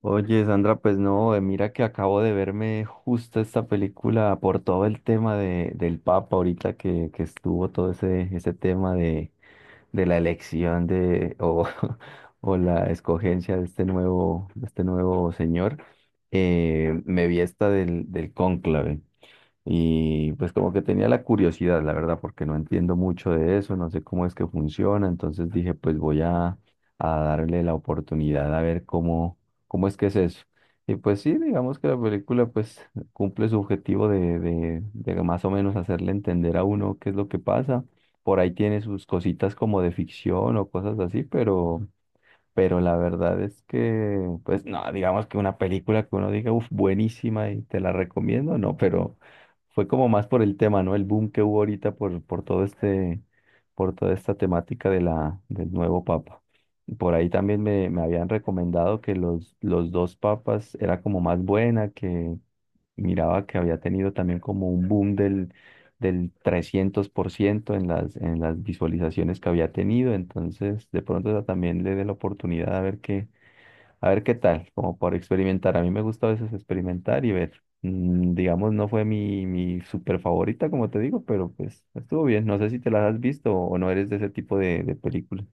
Oye, Sandra, pues no, mira que acabo de verme justo esta película por todo el tema del Papa ahorita que estuvo todo ese tema de la elección de, o, o la escogencia de este nuevo señor. Me vi esta del cónclave. Y pues como que tenía la curiosidad, la verdad, porque no entiendo mucho de eso, no sé cómo es que funciona, entonces dije, pues a darle la oportunidad a ver cómo es que es eso. Y pues sí, digamos que la película pues cumple su objetivo de más o menos hacerle entender a uno qué es lo que pasa. Por ahí tiene sus cositas como de ficción o cosas así, pero la verdad es que, pues no, digamos que una película que uno diga, uff, buenísima y te la recomiendo, no, pero fue como más por el tema, ¿no? El boom que hubo ahorita por todo este, por toda esta temática de del nuevo papa. Por ahí también me habían recomendado que los dos papas era como más buena, que y miraba que había tenido también como un boom del 300% en en las visualizaciones que había tenido. Entonces, de pronto esa también le dé la oportunidad a ver qué tal, como por experimentar. A mí me gusta a veces experimentar y ver. Digamos, no fue mi súper favorita, como te digo, pero pues estuvo bien. No sé si te las has visto o no eres de ese tipo de películas.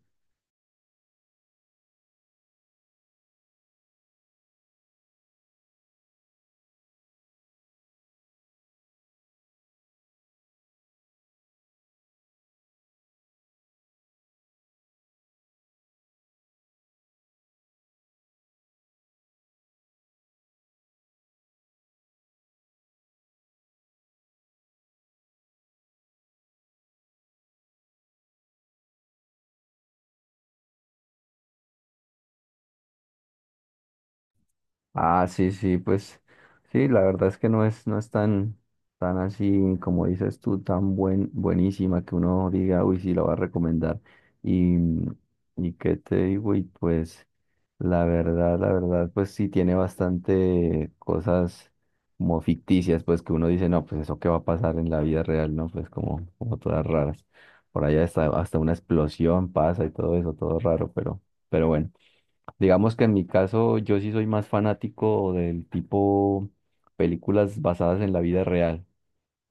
Ah, sí, sí, pues sí, la verdad es que no es, tan así, como dices tú, tan buen, buenísima que uno diga, uy, sí, la va a recomendar. Y, y qué te digo, y pues la verdad, pues sí tiene bastante cosas como ficticias, pues que uno dice, no, pues eso qué va a pasar en la vida real, ¿no? Pues como, como todas raras. Por allá hasta, hasta una explosión pasa y todo eso, todo raro, pero bueno. Digamos que en mi caso yo sí soy más fanático del tipo películas basadas en la vida real.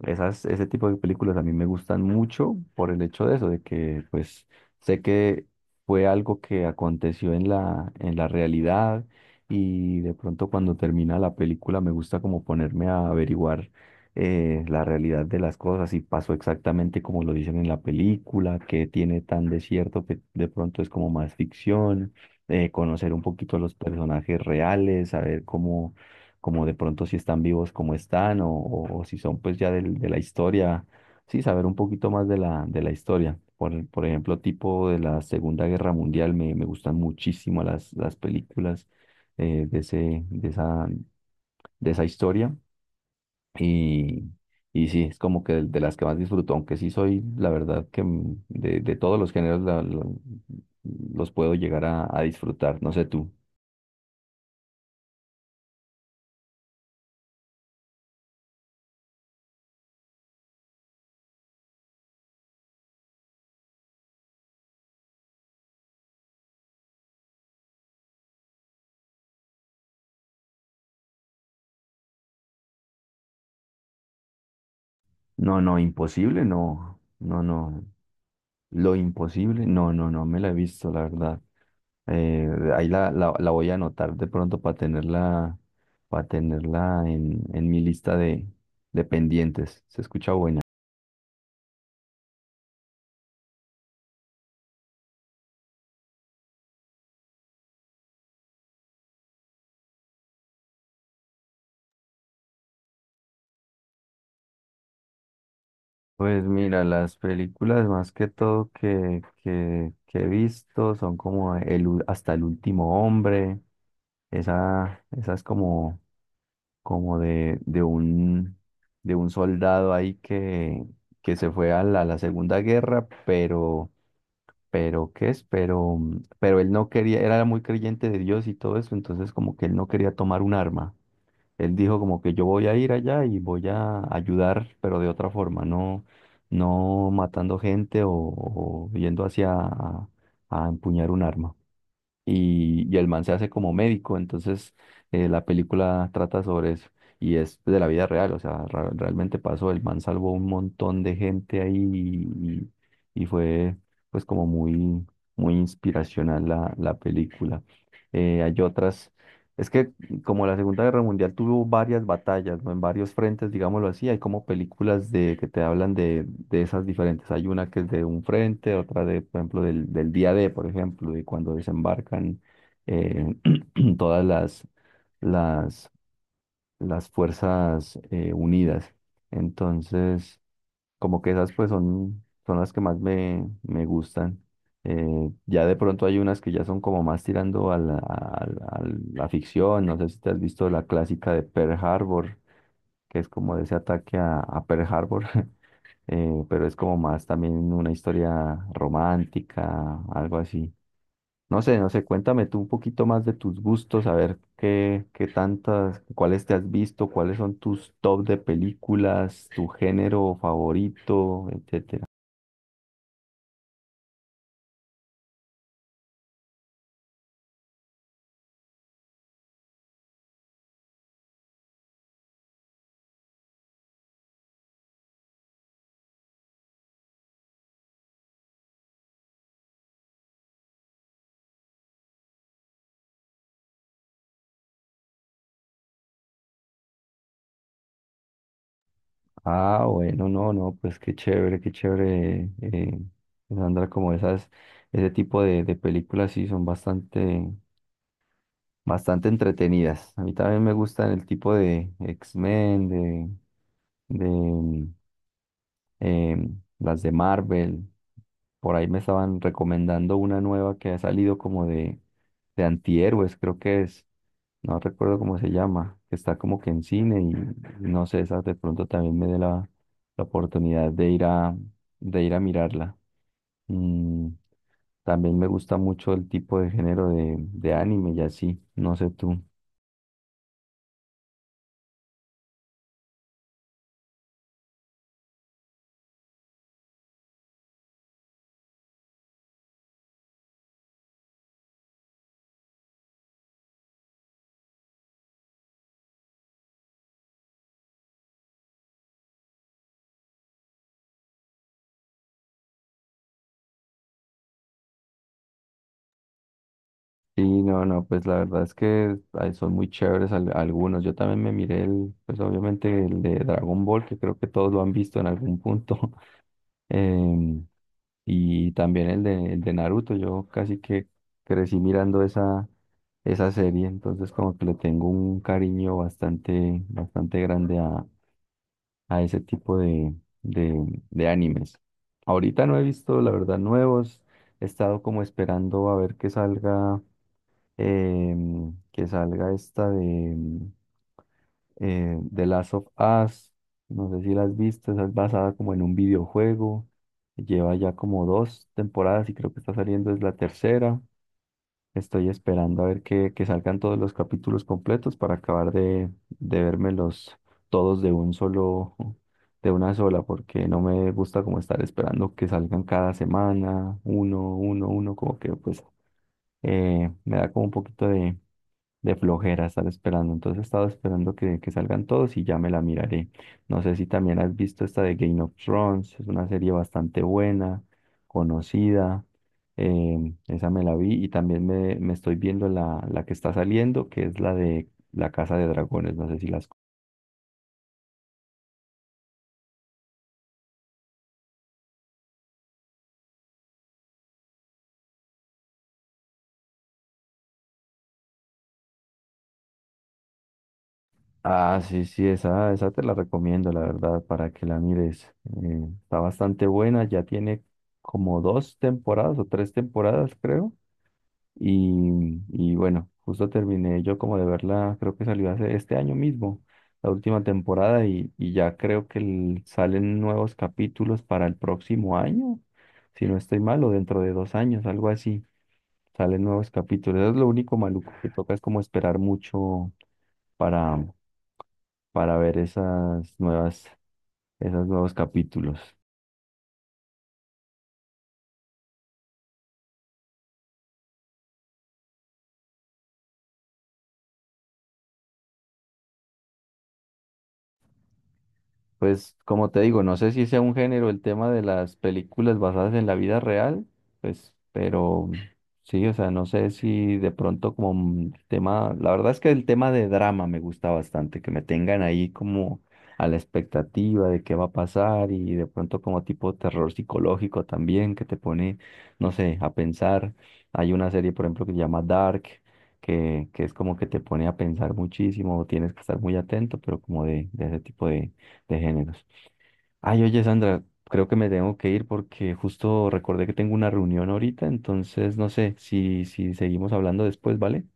Esas, ese tipo de películas a mí me gustan mucho por el hecho de eso, de que pues sé que fue algo que aconteció en en la realidad y de pronto cuando termina la película me gusta como ponerme a averiguar la realidad de las cosas, si pasó exactamente como lo dicen en la película, qué tiene tan de cierto que de pronto es como más ficción, conocer un poquito a los personajes reales, saber cómo como de pronto si están vivos como están o si son pues ya del- de la historia, sí, saber un poquito más de de la historia. Por ejemplo, tipo de la Segunda Guerra Mundial, me gustan muchísimo las películas de ese, de esa historia y, y sí, es como que de las que más disfruto, aunque sí soy, la verdad, que de todos los géneros los puedo llegar a disfrutar, no sé tú. No, no, imposible, no, no, no. Lo imposible, no, no, no me la he visto, la verdad. Eh, Ahí la voy a anotar de pronto para tenerla en mi lista de pendientes. ¿Se escucha? Pues mira, las películas más que todo que he visto son como el, u- Hasta el último hombre. Esa es como, como de un soldado ahí que se fue a a la Segunda Guerra, pero ¿qué es? Pero, pero él no quería, era muy creyente de Dios y todo eso, entonces como que él no quería tomar un arma. Él dijo como que yo voy a ir allá y voy a ayudar, pero de otra forma, no, no matando gente o yendo hacia a empuñar un arma y el man se hace como médico, entonces la película trata sobre eso y es de la vida real, o sea, ra- realmente pasó, el man salvó un montón de gente ahí y- fue pues como muy, muy inspiracional la película. Hay otras, es que como la Segunda Guerra Mundial tuvo varias batallas, ¿no? En varios frentes, digámoslo así, hay como películas de, que te hablan de esas diferentes. Hay una que es de un frente, otra de, por ejemplo, del día D, por ejemplo, de cuando desembarcan eh, todas las, las fuerzas unidas. Entonces, como que esas pues son, son las que más me, me gustan. Ya de pronto hay unas que ya son como más tirando a la ficción. No sé si te has visto la clásica de Pearl Harbor, que es como de ese ataque a Pearl Harbor, pero es como más también una historia romántica, algo así. No sé, no sé, cuéntame tú un poquito más de tus gustos, a ver qué, qué tantas, cuáles te has visto, cuáles son tus top de películas, tu género favorito, etc. Ah, bueno, no, no, pues qué chévere, Sandra, como esas, ese tipo de películas sí son bastante, bastante entretenidas. A mí también me gustan el tipo de X-Men, de las de Marvel. Por ahí me estaban recomendando una nueva que ha salido como de antihéroes, creo que es. No recuerdo cómo se llama, que está como que en cine y no sé, esa de pronto también me dé la, la oportunidad de ir a mirarla. Mm, También me gusta mucho el tipo de género de anime y así, no sé tú. Sí, no, no, pues la verdad es que ay, son muy chéveres al- algunos. Yo también me miré el, pues obviamente el de Dragon Ball, que creo que todos lo han visto en algún punto. em, y también el de Naruto. Yo casi que crecí mirando esa, esa serie, entonces como que le tengo un cariño bastante, bastante grande a ese tipo de animes. Ahorita no he visto, la verdad, nuevos, he estado como esperando a ver que salga, que salga esta de The Last of Us, no sé si la has visto, esa es basada como en un videojuego, lleva ya como dos temporadas y creo que está saliendo es la tercera. Estoy esperando a ver que salgan todos los capítulos completos para acabar de vérmelos todos de un solo, de una sola, porque no me gusta como estar esperando que salgan cada semana, uno, uno, uno, como que pues me da como un poquito de flojera estar esperando. Entonces he estado esperando que salgan todos y ya me la miraré. No sé si también has visto esta de Game of Thrones, es una serie bastante buena, conocida. Esa me la vi y también me estoy viendo la que está saliendo, que es la de La Casa de Dragones. No sé si las... Ah, sí, sí, esa te la recomiendo, la verdad, para que la mires. Está bastante buena, ya tiene como dos temporadas o tres temporadas, creo. Y bueno, justo terminé yo como de verla, creo que salió hace este año mismo, la última temporada, y ya creo que el- salen nuevos capítulos para el próximo año, si no estoy mal, o dentro de dos años, algo así, salen nuevos capítulos. Eso es lo único maluco que toca, es como esperar mucho para, para ver esas nuevas, esos nuevos capítulos. Pues como te digo, no sé si sea un género el tema de las películas basadas en la vida real, pues, pero sí, o sea, no sé si de pronto como un tema, la verdad es que el tema de drama me gusta bastante, que me tengan ahí como a la expectativa de qué va a pasar y de pronto como tipo terror psicológico también, que te pone, no sé, a pensar. Hay una serie, por ejemplo, que se llama Dark, que es como que te pone a pensar muchísimo, tienes que estar muy atento, pero como de ese tipo de géneros. Ay, oye, Sandra, creo que me tengo que ir porque justo recordé que tengo una reunión ahorita, entonces no sé si seguimos hablando después, ¿vale?